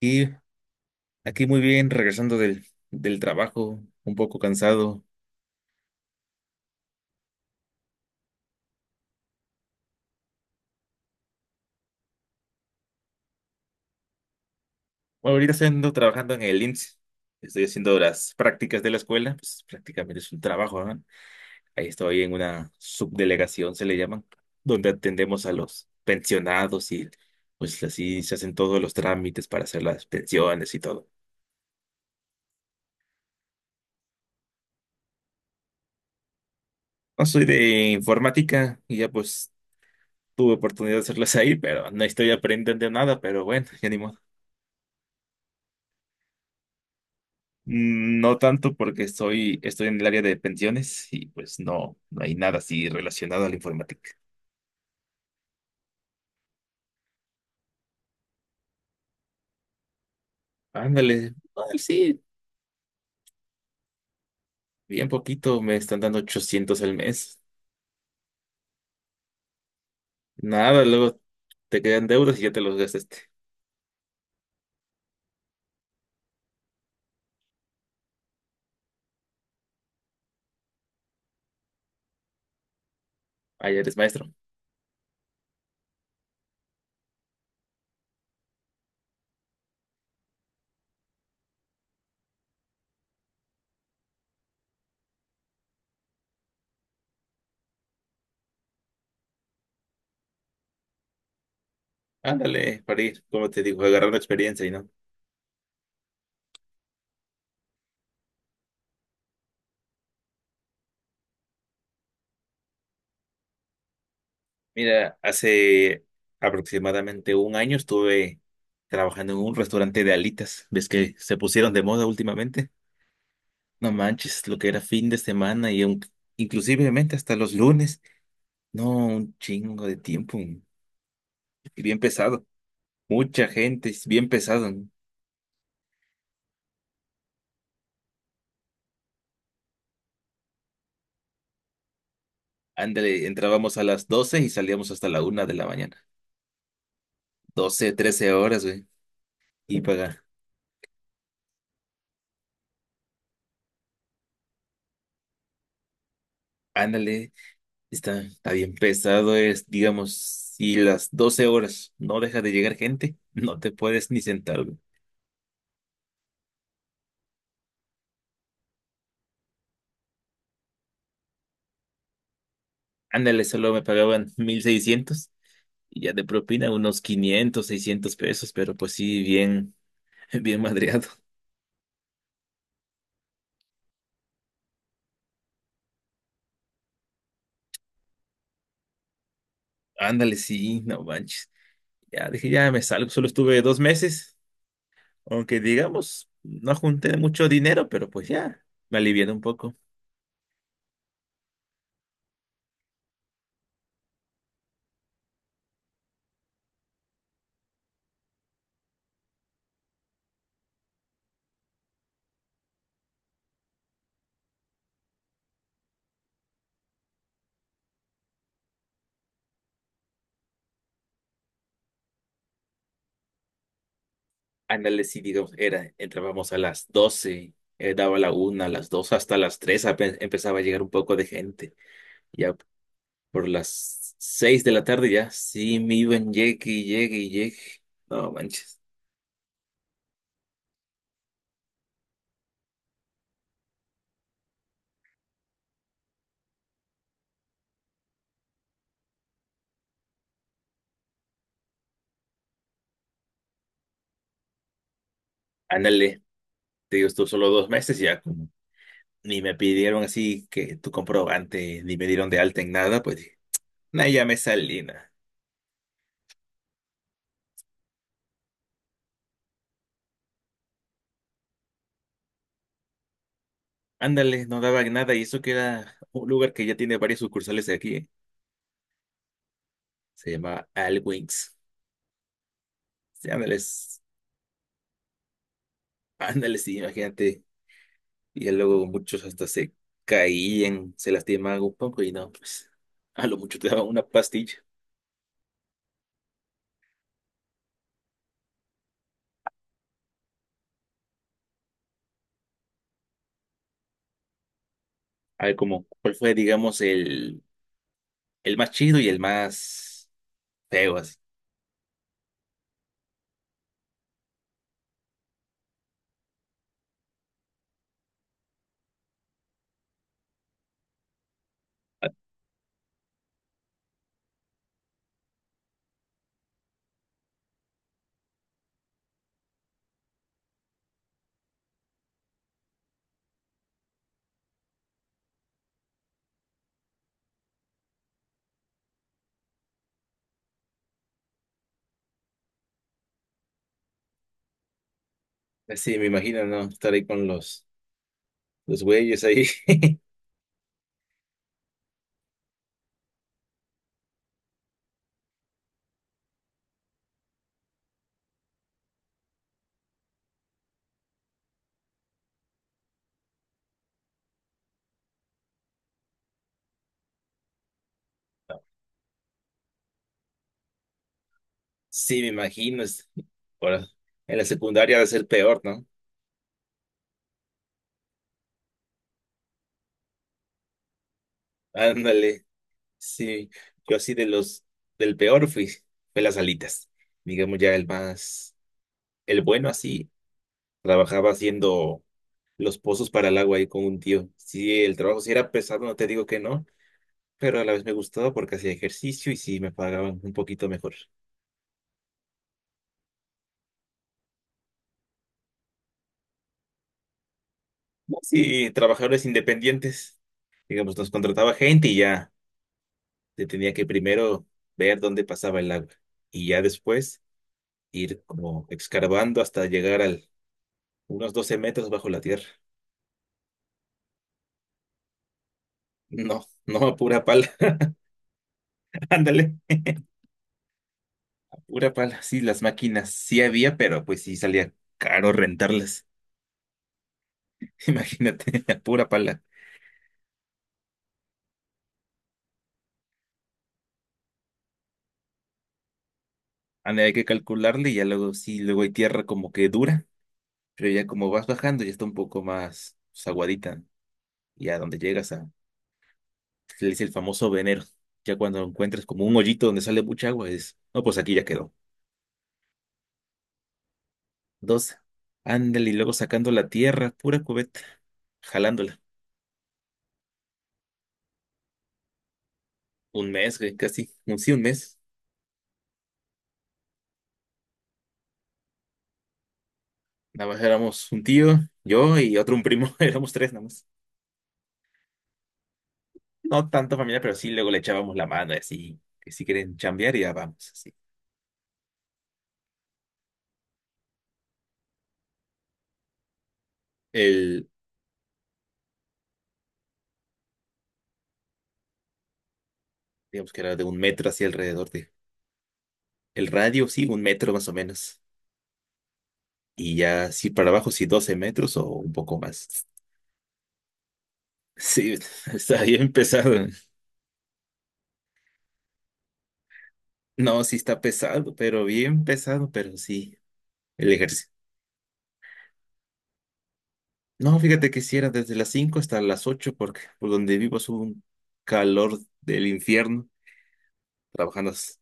Y aquí muy bien, regresando del trabajo, un poco cansado. Bueno, ahorita estoy ando trabajando en el IMSS. Estoy haciendo las prácticas de la escuela, pues prácticamente es un trabajo, ¿no? Ahí estoy en una subdelegación, se le llaman, donde atendemos a los pensionados y pues así se hacen todos los trámites para hacer las pensiones y todo. No soy de informática y ya pues tuve oportunidad de hacerlas ahí, pero no estoy aprendiendo nada, pero bueno, ya ni modo. Mm, no tanto porque estoy en el área de pensiones y pues no, no hay nada así relacionado a la informática. Ándale, ay, sí, bien poquito, me están dando 800 al mes. Nada, luego te quedan deudas y ya te los gastaste. Ah, ya eres maestro. Ándale, para ir, como te digo, agarrando experiencia y no. Mira, hace aproximadamente un año estuve trabajando en un restaurante de alitas. ¿Ves que se pusieron de moda últimamente? No manches, lo que era fin de semana inclusivemente hasta los lunes. No, un chingo de tiempo. Y bien pesado. Mucha gente, es bien pesado, ¿no? Ándale, entrábamos a las 12 y salíamos hasta la 1 de la mañana. 12, 13 horas, güey. Y pagar. Ándale, está bien pesado. Es, digamos, si las 12 horas no deja de llegar gente, no te puedes ni sentar, güey. Ándale, solo me pagaban 1600 y ya de propina unos 500, 600 pesos, pero pues sí, bien. Bien madreado. Ándale, sí, no manches. Ya dije, ya me salgo. Solo estuve 2 meses, aunque digamos, no junté mucho dinero, pero pues ya, me alivié un poco. Ándale, sí, digamos, era, entrábamos a las doce, daba la 1, a las 2, hasta las 3 empezaba a llegar un poco de gente. Ya por las 6 de la tarde ya, sí, me iban, llegue y llegue y llegue. No manches. Ándale, te digo, estuve solo 2 meses ya. Ni me pidieron así que tu comprobante, ni me dieron de alta en nada, pues dije, "nah, ya me salí, nah". Ándale, no daban nada y eso que era un lugar que ya tiene varias sucursales de aquí, ¿eh? Se llama Al Wings. Sí, ándale. S- ándale, sí, imagínate. Y ya luego muchos hasta se caían, se lastimaban un poco y no, pues a lo mucho te daban una pastilla. A ver, como, ¿cuál fue, digamos, el más chido y el más feo así? Así me imagino, ¿no? Estar ahí con los güeyes ahí. Sí, me imagino. Es- Ahora, en la secundaria va a ser peor, ¿no? Ándale. Sí, yo así de los del peor fui, fue las alitas. Digamos ya el más, el bueno así, trabajaba haciendo los pozos para el agua ahí con un tío. Sí, el trabajo sí era pesado, no te digo que no, pero a la vez me gustaba porque hacía ejercicio y sí me pagaban un poquito mejor. Sí, trabajadores independientes. Digamos, nos contrataba gente y ya. Se tenía que primero ver dónde pasaba el agua y ya después ir como excavando hasta llegar al unos 12 metros bajo la tierra. No, no, a pura pala. Ándale, a pura pala. Sí, las máquinas sí había, pero pues sí salía caro rentarlas. Imagínate, a pura pala. Ándale, hay que calcularle y ya luego sí, luego hay tierra como que dura, pero ya como vas bajando ya está un poco más pues, aguadita, ¿no? Y a donde llegas a, le dice el famoso venero. Ya cuando encuentres como un hoyito donde sale mucha agua, es, no, pues aquí ya quedó. Dos, ándale, y luego sacando la tierra, pura cubeta, jalándola. Un mes, güey, casi, un, sí, 1 mes. Nada más éramos un tío, yo y otro un primo, éramos 3 nada más. No tanto familia, pero sí, luego le echábamos la mano y así, que si quieren chambear ya vamos, así. El, digamos que era de un metro así alrededor de, el radio, sí, un metro más o menos. Y ya, sí, para abajo, sí, 12 metros o un poco más. Sí, está bien pesado. No, sí está pesado, pero bien pesado, pero sí, el ejercicio. No, fíjate que si era desde las 5 hasta las 8 porque por donde vivo es un calor del infierno, trabajando las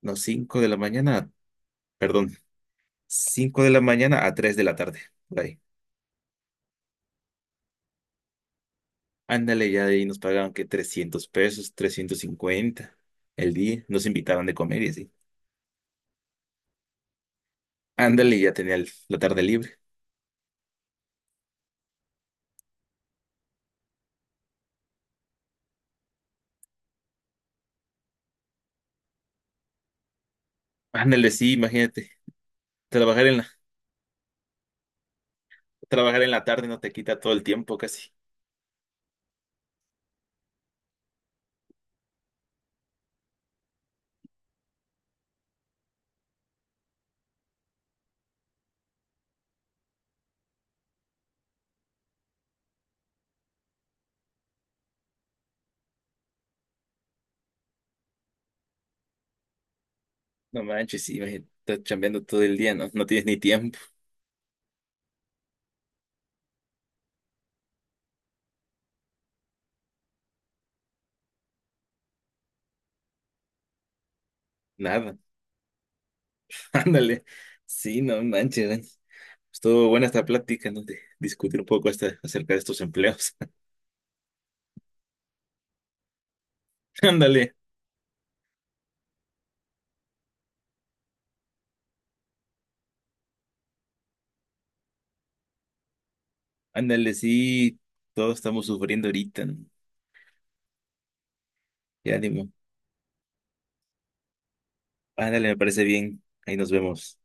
no, cinco de la mañana, perdón, 5 de la mañana a 3 de la tarde, por ahí. Ándale, ya de ahí nos pagaban que 300 pesos, 350 el día, nos invitaban de comer y así. Ándale, ya tenía la tarde libre. Ándale, sí, imagínate, trabajar en, trabajar en la tarde no te quita todo el tiempo casi. No manches, sí, imagínate, estás chambeando todo el día, ¿no? No tienes ni tiempo, nada. Ándale. Sí, no manches, man. Estuvo buena esta plática, ¿no? De discutir un poco esta, acerca de estos empleos. Ándale, ándale, sí. Todos estamos sufriendo ahorita, ¿no? Y ánimo. Ándale, me parece bien. Ahí nos vemos.